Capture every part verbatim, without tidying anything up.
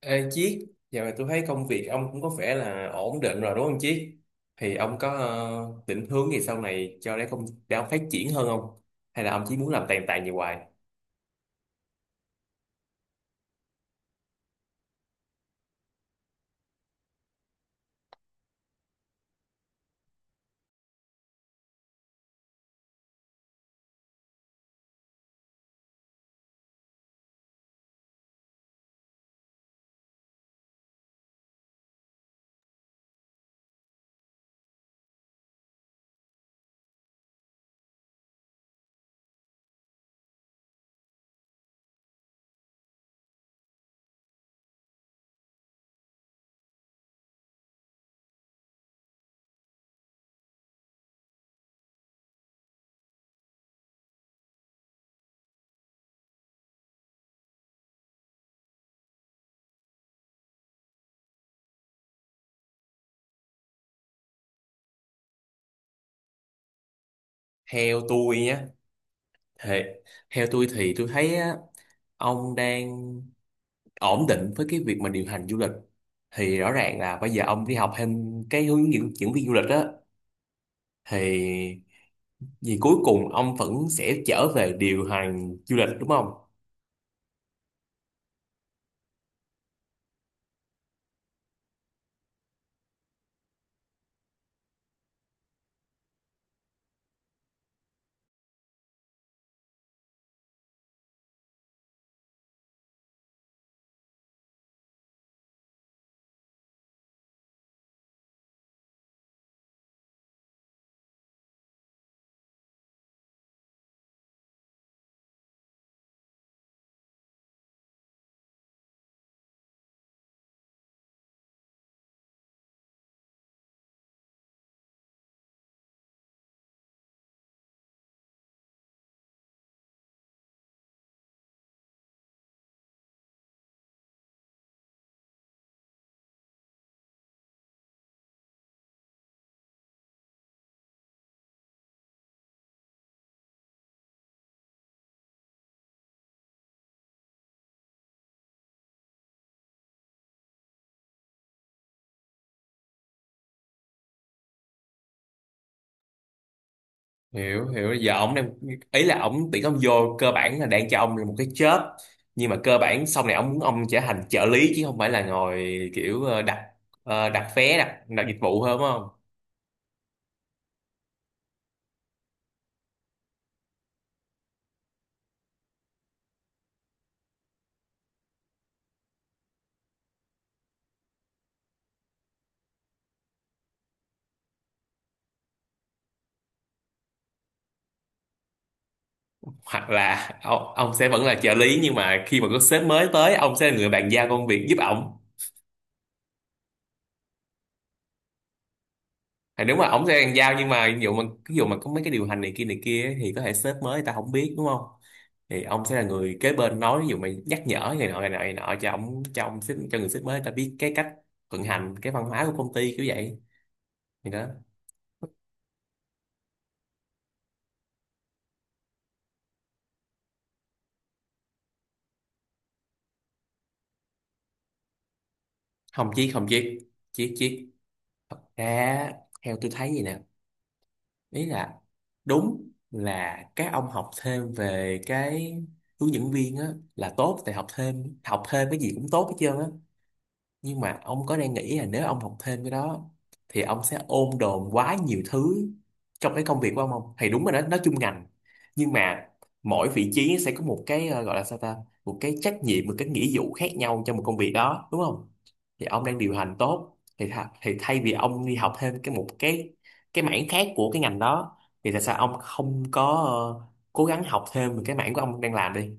Ê Chiết, giờ này tôi thấy công việc ông cũng có vẻ là ổn định rồi đúng không Chiết? Thì ông có ờ, định hướng gì sau này cho để công để ông phát triển hơn không? Hay là ông chỉ muốn làm tàn tàn như hoài? Theo tôi nhé, thì theo tôi thì tôi thấy á, ông đang ổn định với cái việc mà điều hành du lịch. Thì rõ ràng là bây giờ ông đi học thêm cái hướng dẫn dẫn viên du lịch á, thì vì cuối cùng ông vẫn sẽ trở về điều hành du lịch đúng không? Hiểu hiểu Giờ ông đang ý là ông tuyển ông vô cơ bản là đang cho ông một cái job, nhưng mà cơ bản sau này ông muốn ông trở thành trợ lý chứ không phải là ngồi kiểu ờ, đặt ờ, đặt vé đặt đặt dịch vụ hơn đúng không? Hoặc là ông, ông sẽ vẫn là trợ lý nhưng mà khi mà có sếp mới tới ông sẽ là người bàn giao công việc giúp ổng. Thì nếu mà ổng sẽ hàng giao, nhưng mà ví dụ mà ví dụ mà có mấy cái điều hành này kia này kia ấy, thì có thể sếp mới người ta không biết đúng không? Thì ông sẽ là người kế bên nói ví dụ mà nhắc nhở này nọ này nọ này nọ cho ông cho ông sếp cho người sếp mới người ta biết cái cách vận hành cái văn hóa của công ty kiểu vậy. Thì đó, không chiếc không chiếc chiếc chiếc Ra theo tôi thấy gì nè, ý là đúng là các ông học thêm về cái hướng dẫn viên á là tốt, tại học thêm học thêm cái gì cũng tốt hết trơn á. Nhưng mà ông có đang nghĩ là nếu ông học thêm cái đó thì ông sẽ ôm đồm quá nhiều thứ trong cái công việc của ông không? Thì đúng rồi đó, nó chung ngành, nhưng mà mỗi vị trí sẽ có một cái ờ, gọi là sao ta, một cái trách nhiệm một cái nghĩa vụ khác nhau trong một công việc đó đúng không? Thì ông đang điều hành tốt thì tha, thì thay vì ông đi học thêm cái một cái cái mảng khác của cái ngành đó, thì tại sao ông không có ờ, cố gắng học thêm về cái mảng của ông đang làm đi?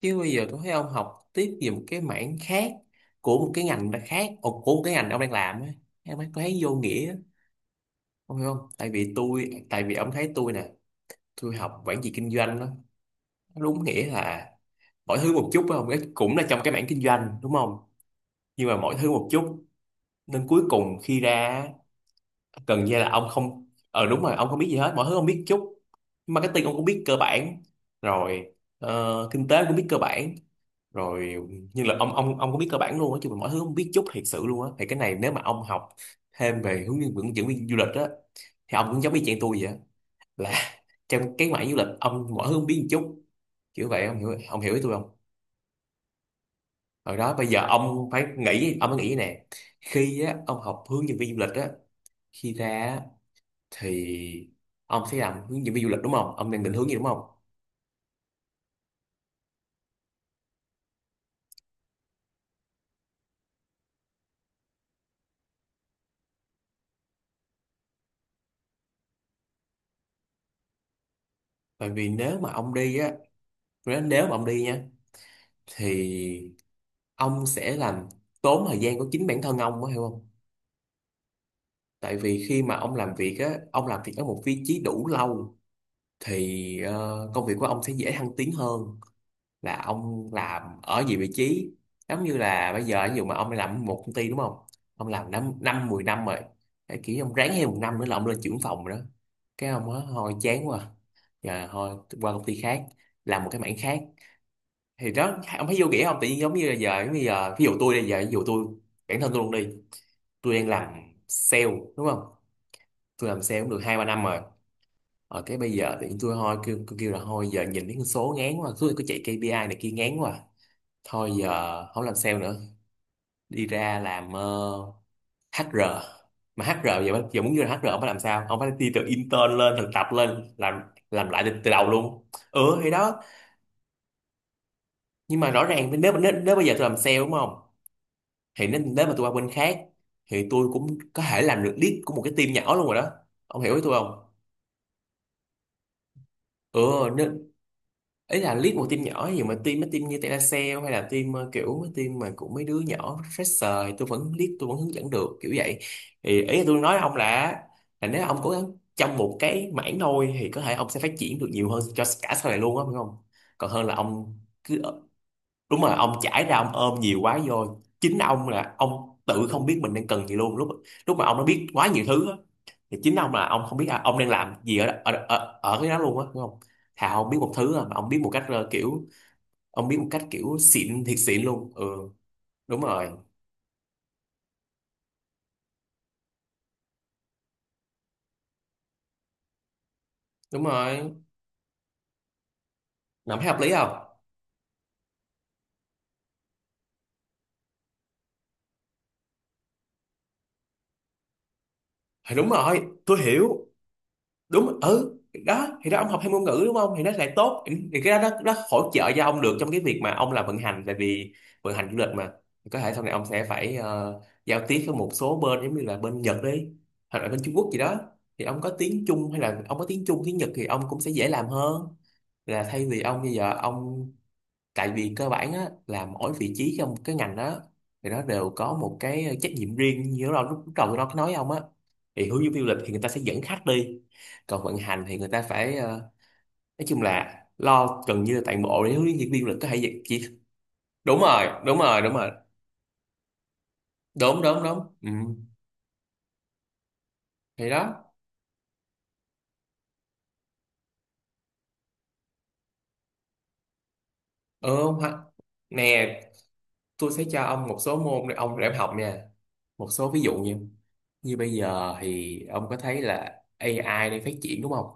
Chứ bây giờ tôi thấy ông học tiếp về một cái mảng khác của một cái ngành đã khác ồ, của một cái ngành ông đang làm á, em ấy có thấy vô nghĩa á. Ông hiểu không, tại vì tôi tại vì ông thấy tôi nè, tôi học quản trị kinh doanh đó, nó đúng nghĩa là mọi thứ một chút phải không? Cái cũng là trong cái mảng kinh doanh đúng không, nhưng mà mọi thứ một chút, nên cuối cùng khi ra gần như là ông không ờ đúng rồi ông không biết gì hết, mọi thứ ông biết chút. Marketing ông cũng biết cơ bản rồi, ờ, kinh tế cũng biết cơ bản rồi, nhưng là ông ông ông có biết cơ bản luôn á chứ mà mọi thứ không biết chút thiệt sự luôn á, thì cái này nếu mà ông học thêm về hướng dẫn dẫn viên du lịch á thì ông cũng giống y chang tôi vậy á, là trong cái mảng du lịch ông mọi thứ không biết một chút, kiểu vậy. Ông hiểu ông hiểu ý tôi không? Rồi đó, bây giờ ông phải nghĩ ông phải nghĩ nè, khi á ông học hướng dẫn viên du lịch á, khi ra á, thì ông sẽ làm hướng dẫn viên du lịch đúng không, ông đang định hướng gì đúng không? Bởi vì nếu mà ông đi á, nếu nếu mà ông đi nha, thì ông sẽ làm tốn thời gian của chính bản thân ông á hiểu không? Tại vì khi mà ông làm việc á, ông làm việc ở một vị trí đủ lâu thì ờ, công việc của ông sẽ dễ thăng tiến hơn là ông làm ở nhiều vị trí. Giống như là bây giờ ví dụ mà ông làm một công ty đúng không, ông làm năm năm mười năm rồi, cái kiểu ông ráng thêm một năm nữa là ông lên trưởng phòng rồi đó, cái ông á thôi chán quá, giờ thôi qua công ty khác làm một cái mảng khác, thì đó ông thấy vô nghĩa không? Tự nhiên giống như là giờ giống như giờ ví dụ tôi bây giờ ví dụ tôi bản thân tôi luôn đi, tôi đang làm sale đúng không, tôi làm sale cũng được hai ba năm rồi, ở cái bây giờ thì tôi thôi kêu, kêu, kêu là thôi giờ nhìn mấy con số ngán quá, cứ cứ chạy ca pê i này kia ngán quá, thôi giờ không làm sale nữa, đi ra làm ờ, hát e rờ, mà hát e rờ giờ, giờ muốn vô làm hát e rờ ông phải làm sao, ông phải đi từ intern lên thực tập lên làm làm lại từ, từ đầu luôn. Ừ thì đó, nhưng mà rõ ràng nếu nếu nếu bây giờ tôi làm sale đúng không, thì nếu, nếu mà tôi qua bên khác thì tôi cũng có thể làm được lead của một cái team nhỏ luôn rồi đó. Ông hiểu ý tôi không? Ừ, nên ý là lead một team nhỏ gì mà team mấy team như telesale hay là team ờ, kiểu mấy team mà của mấy đứa nhỏ fresher thì tôi vẫn lead tôi vẫn hướng dẫn được kiểu vậy. Thì ý là tôi nói ông là là nếu ông cố gắng trong một cái mảng thôi thì có thể ông sẽ phát triển được nhiều hơn cho cả sau này luôn á phải không, còn hơn là ông cứ, đúng rồi, ông chải ra ông ôm nhiều quá vô chính ông là ông tự không biết mình đang cần gì luôn, lúc lúc mà ông đã biết quá nhiều thứ á, thì chính ông là ông không biết là ông đang làm gì ở ở ở, ở cái đó luôn á đúng không? Thà ông biết một thứ à, mà ông biết một cách ờ, kiểu, ông biết một cách kiểu xịn thiệt xịn luôn. Ừ, đúng rồi đúng rồi Làm thấy hợp lý không? Thì đúng rồi, tôi hiểu. Đúng, ừ, đó thì đó, ông học thêm ngôn ngữ đúng không thì nó lại tốt, thì cái đó nó, nó hỗ trợ cho ông được trong cái việc mà ông làm vận hành, tại vì vận hành du lịch mà, có thể sau này ông sẽ phải ờ, giao tiếp với một số bên giống như là bên Nhật đi, hoặc là bên Trung Quốc gì đó, thì ông có tiếng Trung hay là ông có tiếng Trung tiếng Nhật thì ông cũng sẽ dễ làm hơn là thay vì ông bây giờ ông, tại vì cơ bản á, là mỗi vị trí trong cái ngành đó thì nó đều có một cái trách nhiệm riêng, như lúc đầu lúc đầu tôi nói cái nói ông á, thì hướng dẫn viên du lịch thì người ta sẽ dẫn khách đi, còn vận hành thì người ta phải ờ, nói chung là lo gần như là toàn bộ để hướng dẫn viên du lịch có thể dẫn chỉ. Đúng rồi đúng rồi đúng rồi đúng đúng đúng Ừ. Thì đó. Ừ, hoặc- nè, tôi sẽ cho ông một số môn để ông để ông học nha. Một số ví dụ như, như bây giờ thì ông có thấy là a i đang phát triển đúng không,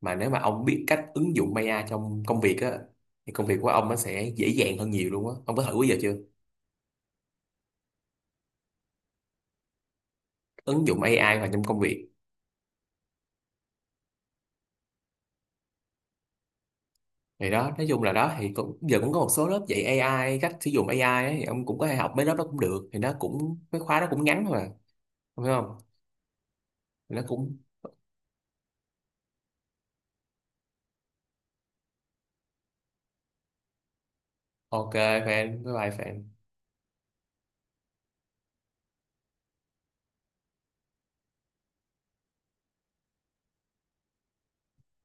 mà nếu mà ông biết cách ứng dụng a i trong công việc á thì công việc của ông nó sẽ dễ dàng hơn nhiều luôn á. Ông có thử bây giờ chưa, ứng dụng a i vào trong công việc? Thì đó nói chung là đó, thì cũng, giờ cũng có một số lớp dạy a i cách sử dụng a i ấy, thì ông cũng có thể học mấy lớp đó cũng được, thì nó cũng mấy khóa đó cũng ngắn thôi mà. Ông hiểu không? Nó cũng ok. Fan, bye bye fan.